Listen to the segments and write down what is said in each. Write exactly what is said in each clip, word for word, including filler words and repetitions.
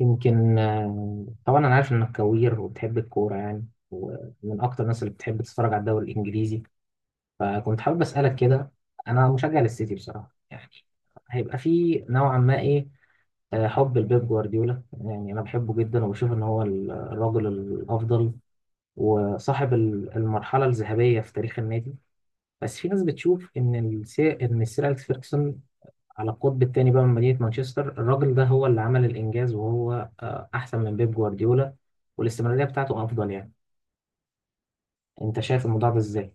يمكن آه، طبعا انا عارف انك كوير وبتحب الكوره يعني، ومن اكتر الناس اللي بتحب تتفرج على الدوري الانجليزي. فكنت حابب اسالك كده. انا مشجع للسيتي بصراحه يعني، هيبقى في نوعا ما ايه. آه، حب لبيب جوارديولا، يعني انا بحبه جدا وبشوف ان هو ال- الراجل الافضل، وصاحب ال- المرحله الذهبيه في تاريخ النادي. بس في ناس بتشوف ان السي... ان سير اليكس فيرجسون على القطب الثاني بقى من مدينة مانشستر. الراجل ده هو اللي عمل الإنجاز، وهو آه، أحسن من بيب جوارديولا، والاستمرارية بتاعته أفضل يعني. أنت شايف الموضوع ده إزاي؟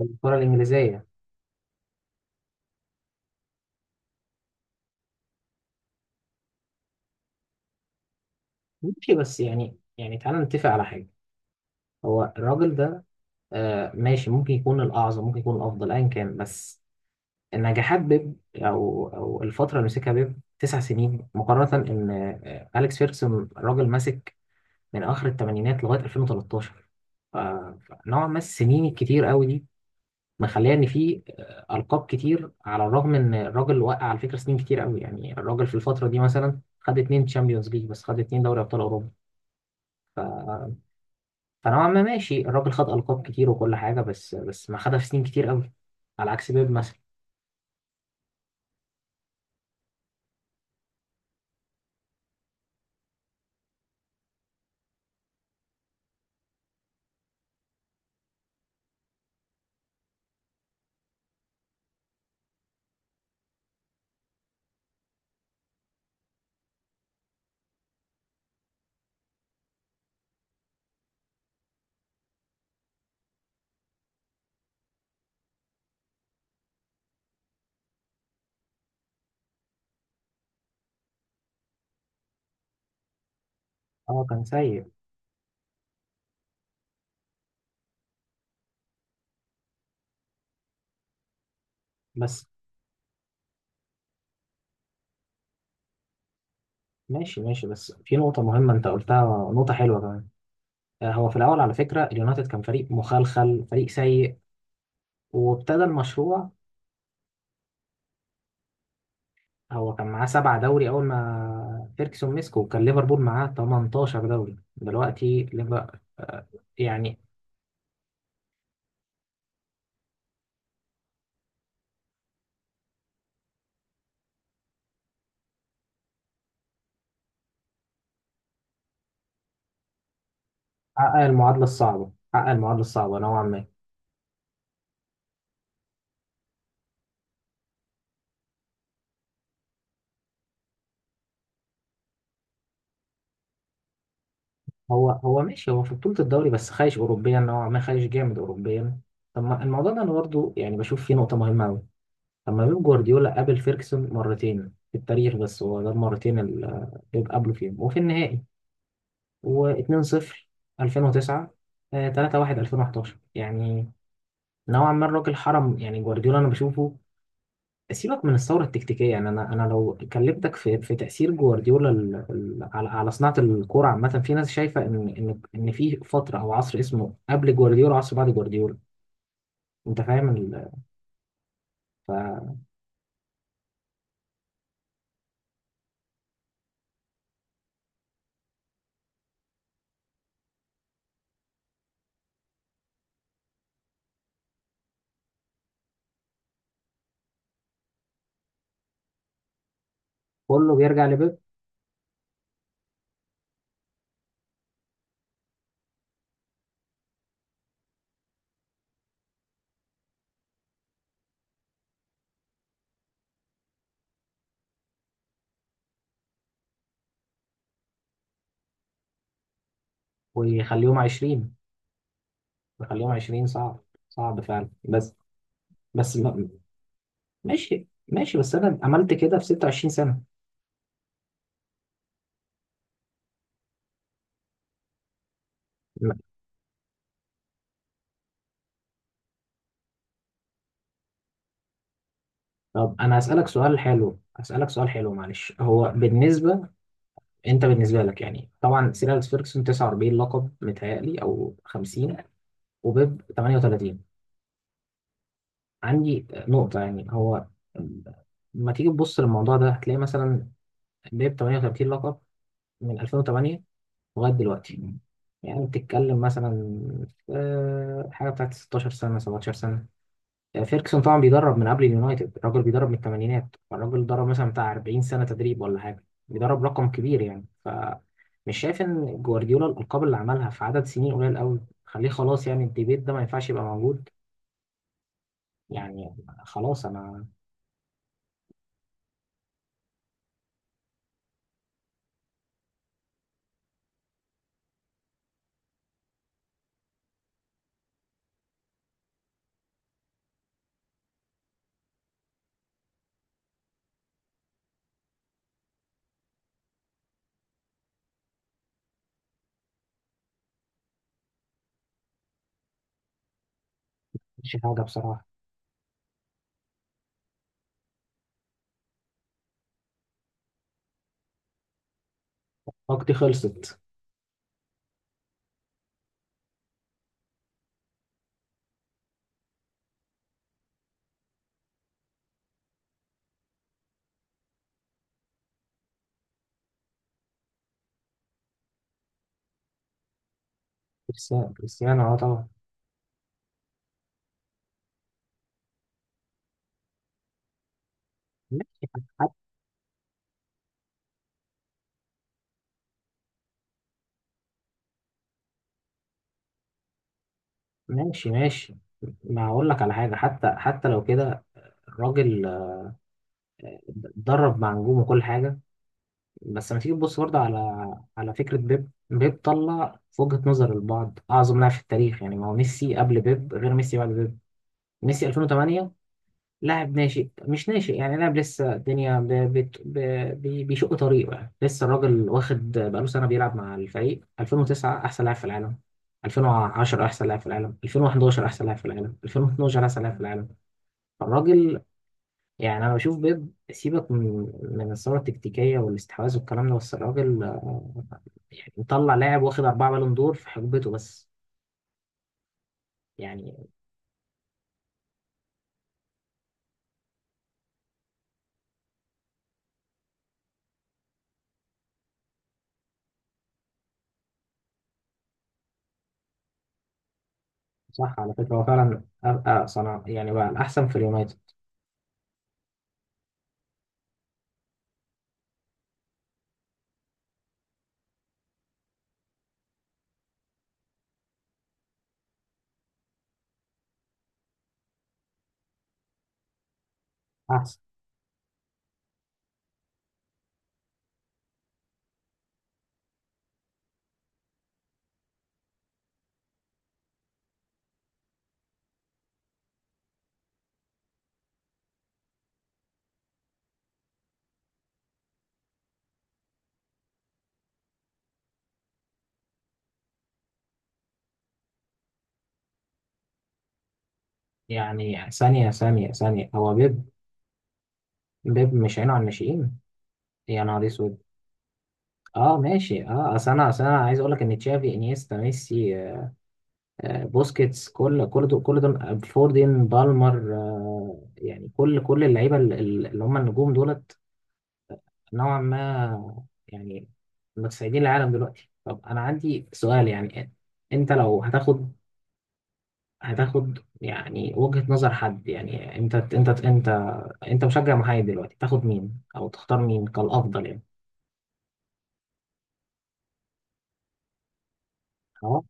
الكرة الإنجليزية. ماشي، بس يعني يعني تعالى نتفق على حاجة. هو الراجل ده آه، ماشي، ممكن يكون الأعظم، ممكن يكون الأفضل، أيا كان. بس نجاحات بيب أو أو الفترة اللي مسكها بيب تسع سنين، مقارنة إن آه، أليكس فيركسون راجل ماسك من آخر الثمانينات لغاية ألفين وتلتاشر. ف- فنوعا ما السنين الكتير قوي دي مخليه ان في آه، القاب كتير، على الرغم ان الراجل وقع على فكره سنين كتير قوي يعني. الراجل في الفتره دي مثلا خد اتنين تشامبيونز ليج بس، خد اتنين دوري ابطال اوروبا. فنوعا ما ماشي، الراجل خد القاب كتير وكل حاجه، بس بس ما خدها في سنين كتير قوي على عكس بيب مثلا. اه كان سيء. بس. ماشي ماشي، بس في نقطه مهمه انت قلتها، نقطه حلوه كمان. آه، هو في الاول على فكره اليونايتد كان فريق مخلخل، فريق سيء، وابتدى المشروع. هو كان معاه سبعة دوري أول ما فيركسون مسكه، وكان ليفربول معاه تمنتاشر دوري دلوقتي. ليفر آه، يعني حقق المعادلة الصعبة، حقق المعادلة الصعبة نوعا ما. هو هو ماشي، هو في بطولة الدوري بس، خايش أوروبيا نوعا ما، خايش جامد أوروبيا. طب ما الموضوع ده أنا برضه يعني بشوف فيه نقطة مهمة أوي. طب ما بيب جوارديولا قابل فيركسون مرتين في التاريخ بس، هو ده المرتين اللي بيب قابله فيهم، وفي النهائي. و2-0 ألفين وتسعة، تلاته واحد ألفين وأحد عشر يعني، نوعا ما الراجل حرم يعني جوارديولا، انا بشوفه. سيبك من الثوره التكتيكيه، يعني انا انا لو كلمتك في في تاثير جوارديولا، ال- ال- على على صناعه الكوره عامه، في ناس شايفه ان ان ان في فتره او عصر اسمه قبل جوارديولا، وعصر بعد جوارديولا. انت فاهم ال- فكله بيرجع لبيب، ويخليهم عشرين يخليهم عشرين، صعب. صعب فعلا، بس بس ما- ماشي ماشي، بس انا عملت كده في ستة وعشرين سنه. طب انا هسالك سؤال حلو، هسالك سؤال حلو معلش. هو بالنسبه انت، بالنسبه لك يعني، طبعا سير اليكس فيرجسون تسعة وأربعين لقب متهيألي او خمسين، وبيب ثمانية وثلاثين. عندي نقطه يعني، هو لما تيجي تبص للموضوع ده هتلاقي مثلا بيب تمانية وتلاتين لقب من ألفين وتمانية لغايه دلوقتي. يعني بتتكلم مثلا آه، حاجه بتاعت ستاشر سنه سبعتاشر. يعني فيركسون طبعا بيدرب من قبل اليونايتد، الراجل بيدرب من الثمانينات، الراجل درب مثلا بتاع أربعين سنة تدريب ولا حاجة، بيدرب رقم كبير يعني. فمش شايف ان جوارديولا الألقاب اللي عملها في عدد سنين قليل قوي. خليه خلاص، يعني الديبيت ده ما ينفعش يبقى موجود يعني. خلاص انا. مش حاجة بصراحة. وقتي خلصت. كريستيانو كريستيانو، اه طبعا. ماشي. حتى. ماشي ماشي. ما هقول لك على حاجة، حتى حتى لو كده الراجل درب مع نجوم وكل حاجة، بس لما تيجي تبص برضه على على فكرة بيب بيب طلع في وجهة نظر البعض أعظم لاعب في التاريخ، يعني ما هو ميسي قبل بيب غير ميسي بعد بيب. ميسي ألفين وثمانية لاعب ناشئ، مش ناشئ يعني، لاعب لسه الدنيا ب... بت... ب... بي- بيشق طريقه، يعني لسه الراجل واخد بقاله سنة بيلعب مع الفريق. ألفين وتسعة أحسن لاعب في العالم، ألفين وعشرة أحسن لاعب في العالم، ألفين وحداشر أحسن لاعب في العالم، ألفين واثنى عشر أحسن لاعب في العالم. الراجل، يعني انا بشوف بيب، سيبك من من الثوره التكتيكيه والاستحواذ والكلام ده، بس الراجل آه، يعني مطلع لاعب واخد اربعة بالون دور في حقبته بس يعني. صح، على فكره هو فعلا ابقى صنع، يعني بقى الاحسن في اليونايتد. احسن. يعني ثانيه ثانيه ثانيه، هو بيب، بيب مش عينه على الناشئين. يا نهار اسود. اه ماشي، اه، اصل انا اصل انا عايز اقول لك ان تشافي انيستا ميسي آه، آه، بوسكيتس، كل كل دول كل دول آه، فوردين بالمر آه، يعني كل كل اللعيبه ال- ال- اللي هم النجوم دول نوعا ما يعني، متسيدين العالم دلوقتي. طب انا عندي سؤال يعني، انت لو هتاخد، هتاخد يعني وجهة نظر حد، يعني انت انت انت انت مشجع محايد دلوقتي، تاخد مين او تختار مين كالافضل يعني. اهو.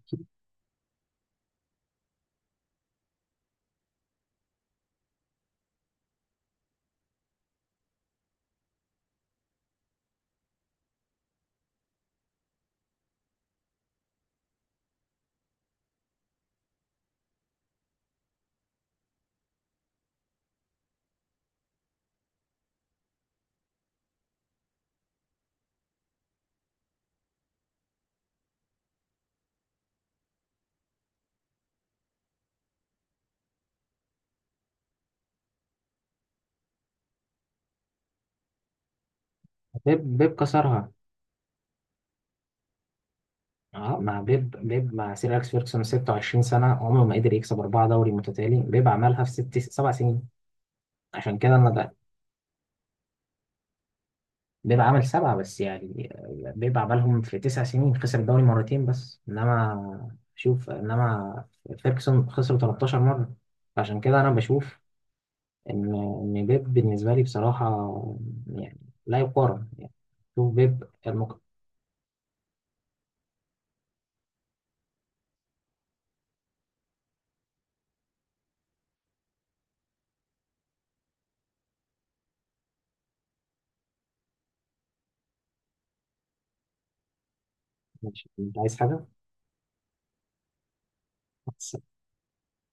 بيب بيب كسرها. اه، مع بيب، بيب مع سير اليكس فيركسون ستة وعشرين سنه، عمره ما قدر يكسب اربعة دوري متتالي. بيب عملها في ست سبع سنين. عشان كده انا، بيبقى عمل سبعة بس يعني، بيبقى عملهم في تسع سنين، خسر الدوري مرتين بس. إنما شوف، إنما فيركسون خسر تلتاشر مرة. فعشان كده أنا بشوف إن إن بيب بالنسبة لي بصراحة يعني لا يقارن يعني. شوف بيب المك... مش أنت عايز حاجة؟